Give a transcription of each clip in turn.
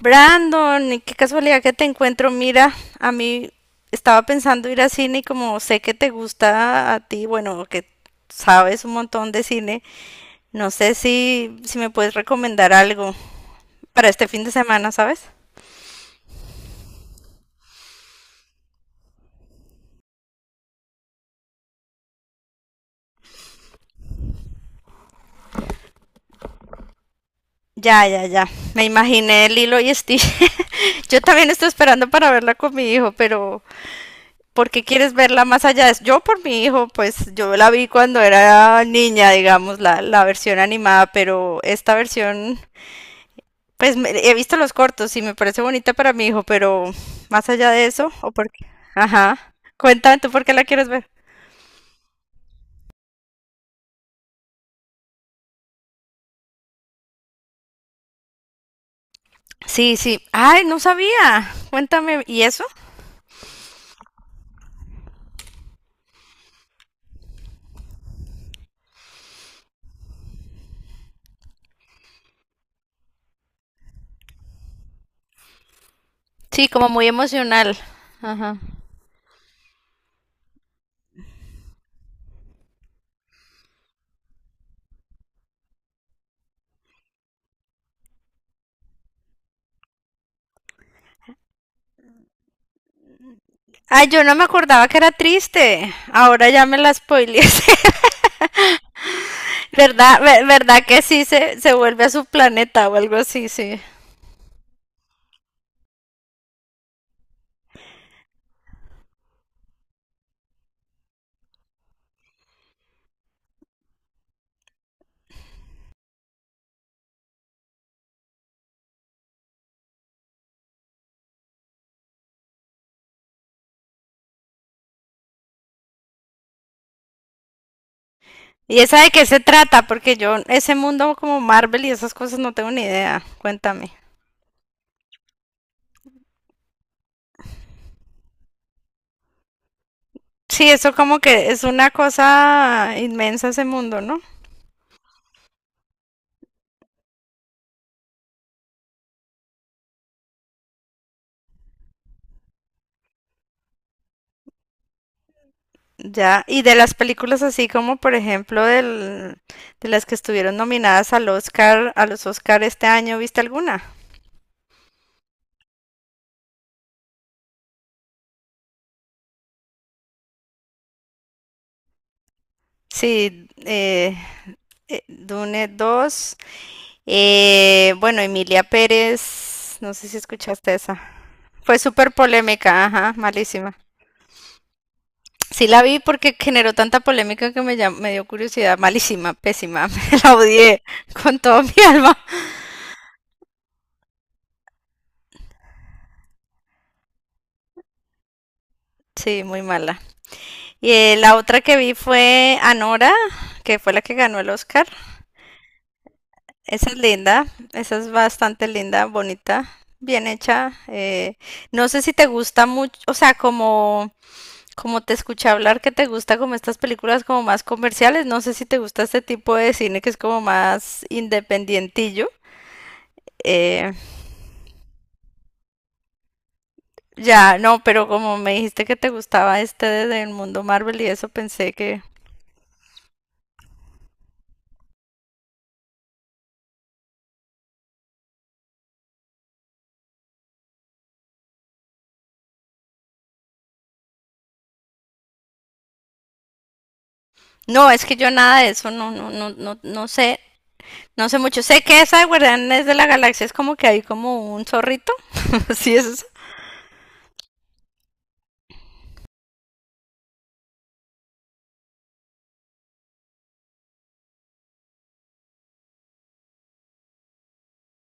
Brandon, y qué casualidad que te encuentro. Mira, a mí estaba pensando ir a cine y como sé que te gusta a ti, bueno, que sabes un montón de cine, no sé si me puedes recomendar algo para este fin de semana, ¿sabes? Ya, ya, ya. Me imaginé Lilo y Stitch. Yo también estoy esperando para verla con mi hijo, pero ¿por qué quieres verla más allá? Yo por mi hijo, pues yo la vi cuando era niña, digamos, la versión animada, pero esta versión. He visto los cortos y me parece bonita para mi hijo, pero más allá de eso, o porque... Ajá. Cuéntame tú por qué la quieres ver. Sí, sí. Ay, no sabía. Cuéntame. ¿Y eso? Sí, como muy emocional. Ajá. Ay, yo no me acordaba que era triste. Ahora ya me la spoileé. ¿Verdad? ¿Verdad que sí se vuelve a su planeta o algo así? Sí. ¿Y esa de qué se trata? Porque yo, ese mundo como Marvel y esas cosas no tengo ni idea. Cuéntame. Sí, eso como que es una cosa inmensa ese mundo, ¿no? Ya, y de las películas así como por ejemplo del, de las que estuvieron nominadas al Oscar, a los Oscar este año, ¿viste alguna? Sí, Dune dos. Bueno, Emilia Pérez, no sé si escuchaste esa. Fue súper polémica, ajá, malísima. Sí la vi porque generó tanta polémica que me dio curiosidad, malísima, pésima, me la odié con todo mi alma. Sí, muy mala. Y la otra que vi fue Anora, que fue la que ganó el Oscar. Esa es linda, esa es bastante linda, bonita, bien hecha. No sé si te gusta mucho, o sea, como, como te escuché hablar que te gusta como estas películas como más comerciales, no sé si te gusta este tipo de cine que es como más independientillo. Eh, ya, no, pero como me dijiste que te gustaba este del mundo Marvel y eso pensé que... No, es que yo nada de eso, no, no, no, no, no sé. No sé mucho. Sé que esa de Guardianes de la Galaxia es como que hay como un zorrito. Sí, es esa.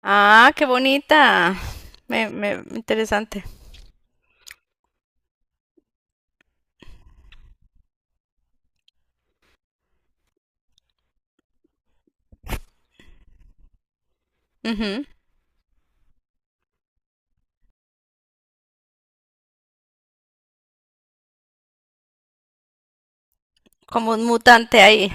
Ah, qué bonita. Interesante. Ujú. Como un mutante ahí.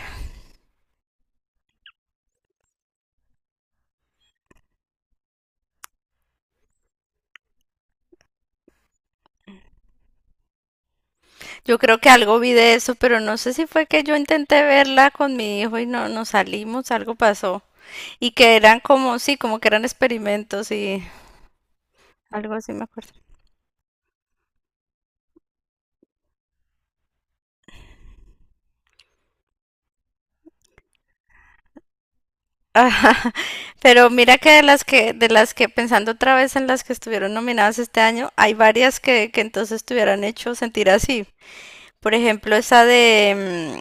Yo creo que algo vi de eso, pero no sé si fue que yo intenté verla con mi hijo y no nos salimos, algo pasó. Y que eran como, sí, como que eran experimentos y algo así me acuerdo. Pero mira que de las que, pensando otra vez en las que estuvieron nominadas este año, hay varias que entonces te hubieran hecho sentir así. Por ejemplo, esa de,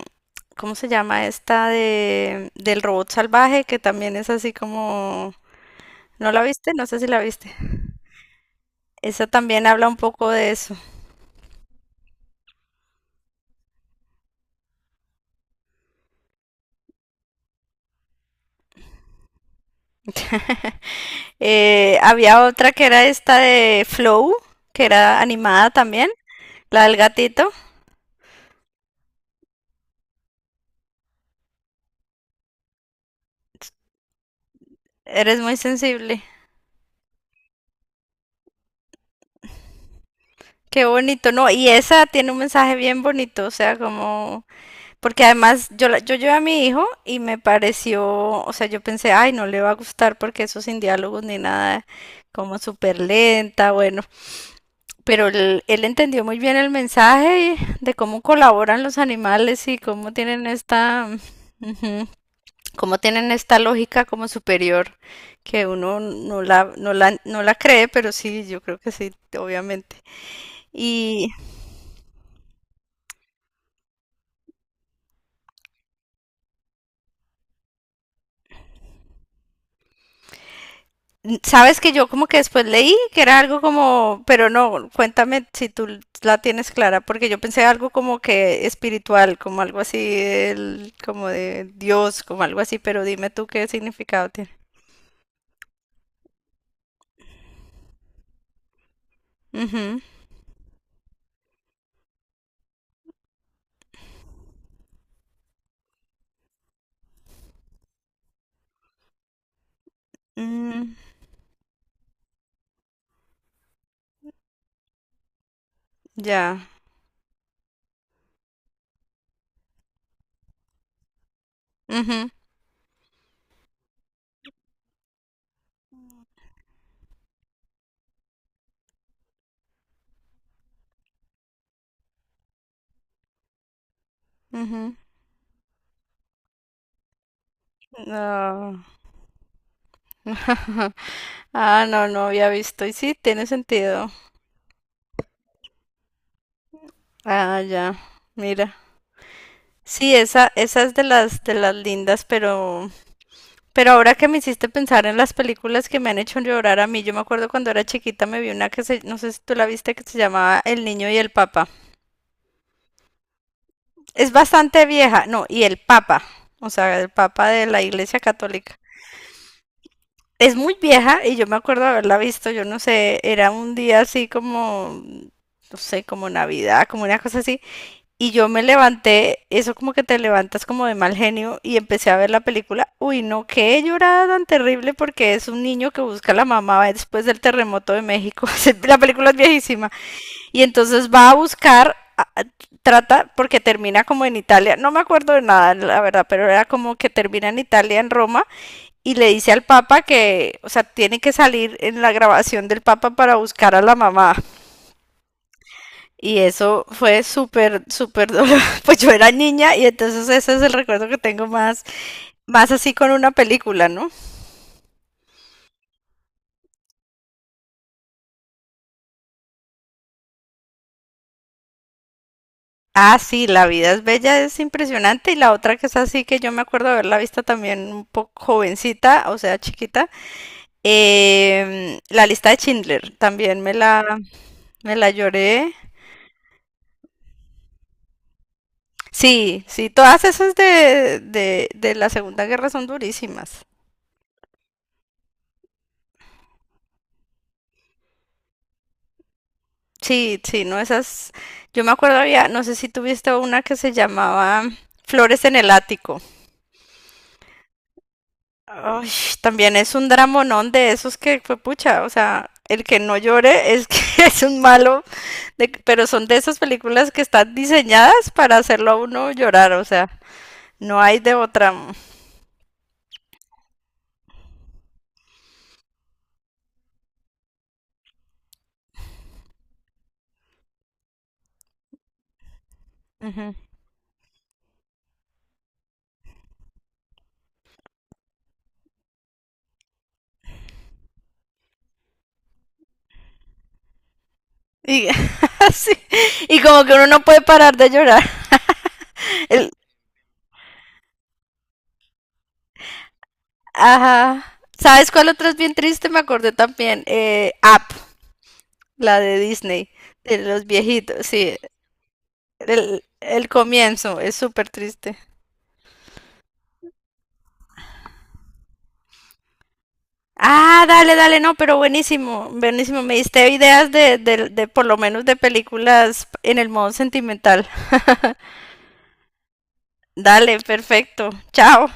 ¿cómo se llama? Esta de, del robot salvaje, que también es así como, ¿no la viste? No sé si la viste. Esa también habla un poco de eso. Había otra que era esta de Flow, que era animada también, la del gatito. Eres muy sensible. Qué bonito, ¿no? Y esa tiene un mensaje bien bonito, o sea, como... Porque además yo, yo llevé a mi hijo y me pareció, o sea, yo pensé, ay, no le va a gustar porque eso sin diálogos ni nada, como súper lenta, bueno, pero él entendió muy bien el mensaje de cómo colaboran los animales y cómo tienen esta, ujú, cómo tienen esta lógica como superior que uno no la cree, pero sí, yo creo que sí, obviamente. Y sabes que yo como que después leí que era algo como, pero no, cuéntame si tú la tienes clara, porque yo pensé algo como que espiritual, como algo así, como de Dios, como algo así, pero dime tú qué significado tiene. Ujú. Mm, ya. Ujú, ujú. No. Ah, no, no había visto. Y sí, tiene sentido. Ah, ya. Mira. Sí, esa es de las lindas, pero... Pero ahora que me hiciste pensar en las películas que me han hecho llorar a mí, yo me acuerdo cuando era chiquita me vi una que no sé si tú la viste, que se llamaba El Niño y el Papa. Es bastante vieja, no, y el Papa, o sea, el Papa de la Iglesia Católica. Es muy vieja y yo me acuerdo haberla visto, yo no sé, era un día así como, no sé, como Navidad, como una cosa así. Y yo me levanté, eso como que te levantas como de mal genio y empecé a ver la película. Uy, no, qué llorada tan terrible porque es un niño que busca a la mamá después del terremoto de México. La película es viejísima. Y entonces va a buscar, trata, porque termina como en Italia. No me acuerdo de nada, la verdad, pero era como que termina en Italia, en Roma, y le dice al Papa que, o sea, tiene que salir en la grabación del Papa para buscar a la mamá. Y eso fue súper, súper doloroso. Pues yo era niña y entonces ese es el recuerdo que tengo más, más así con una película, ¿no? Ah, sí, La vida es bella, es impresionante. Y la otra que es así, que yo me acuerdo haberla vista también un poco jovencita, o sea, chiquita. La lista de Schindler, también me la lloré. Sí, sí, todas esas de la Segunda Guerra son durísimas. Sí, sí, no esas. Yo me acuerdo había, no sé si tuviste una que se llamaba Flores en el ático. Ay, también es un dramonón de esos que fue pucha, o sea, el que no llore es que es un malo, pero son de esas películas que están diseñadas para hacerlo a uno llorar, o sea, no hay de otra. Ujú. Y sí, y como que uno no puede parar de llorar. El- ajá. ¿Sabes cuál otra es bien triste? Me acordé también. Up. La de Disney, de los viejitos, sí. El comienzo es súper triste. Ah, dale, dale, no, pero buenísimo, buenísimo. Me diste ideas de por lo menos de películas en el modo sentimental. Dale, perfecto. Chao.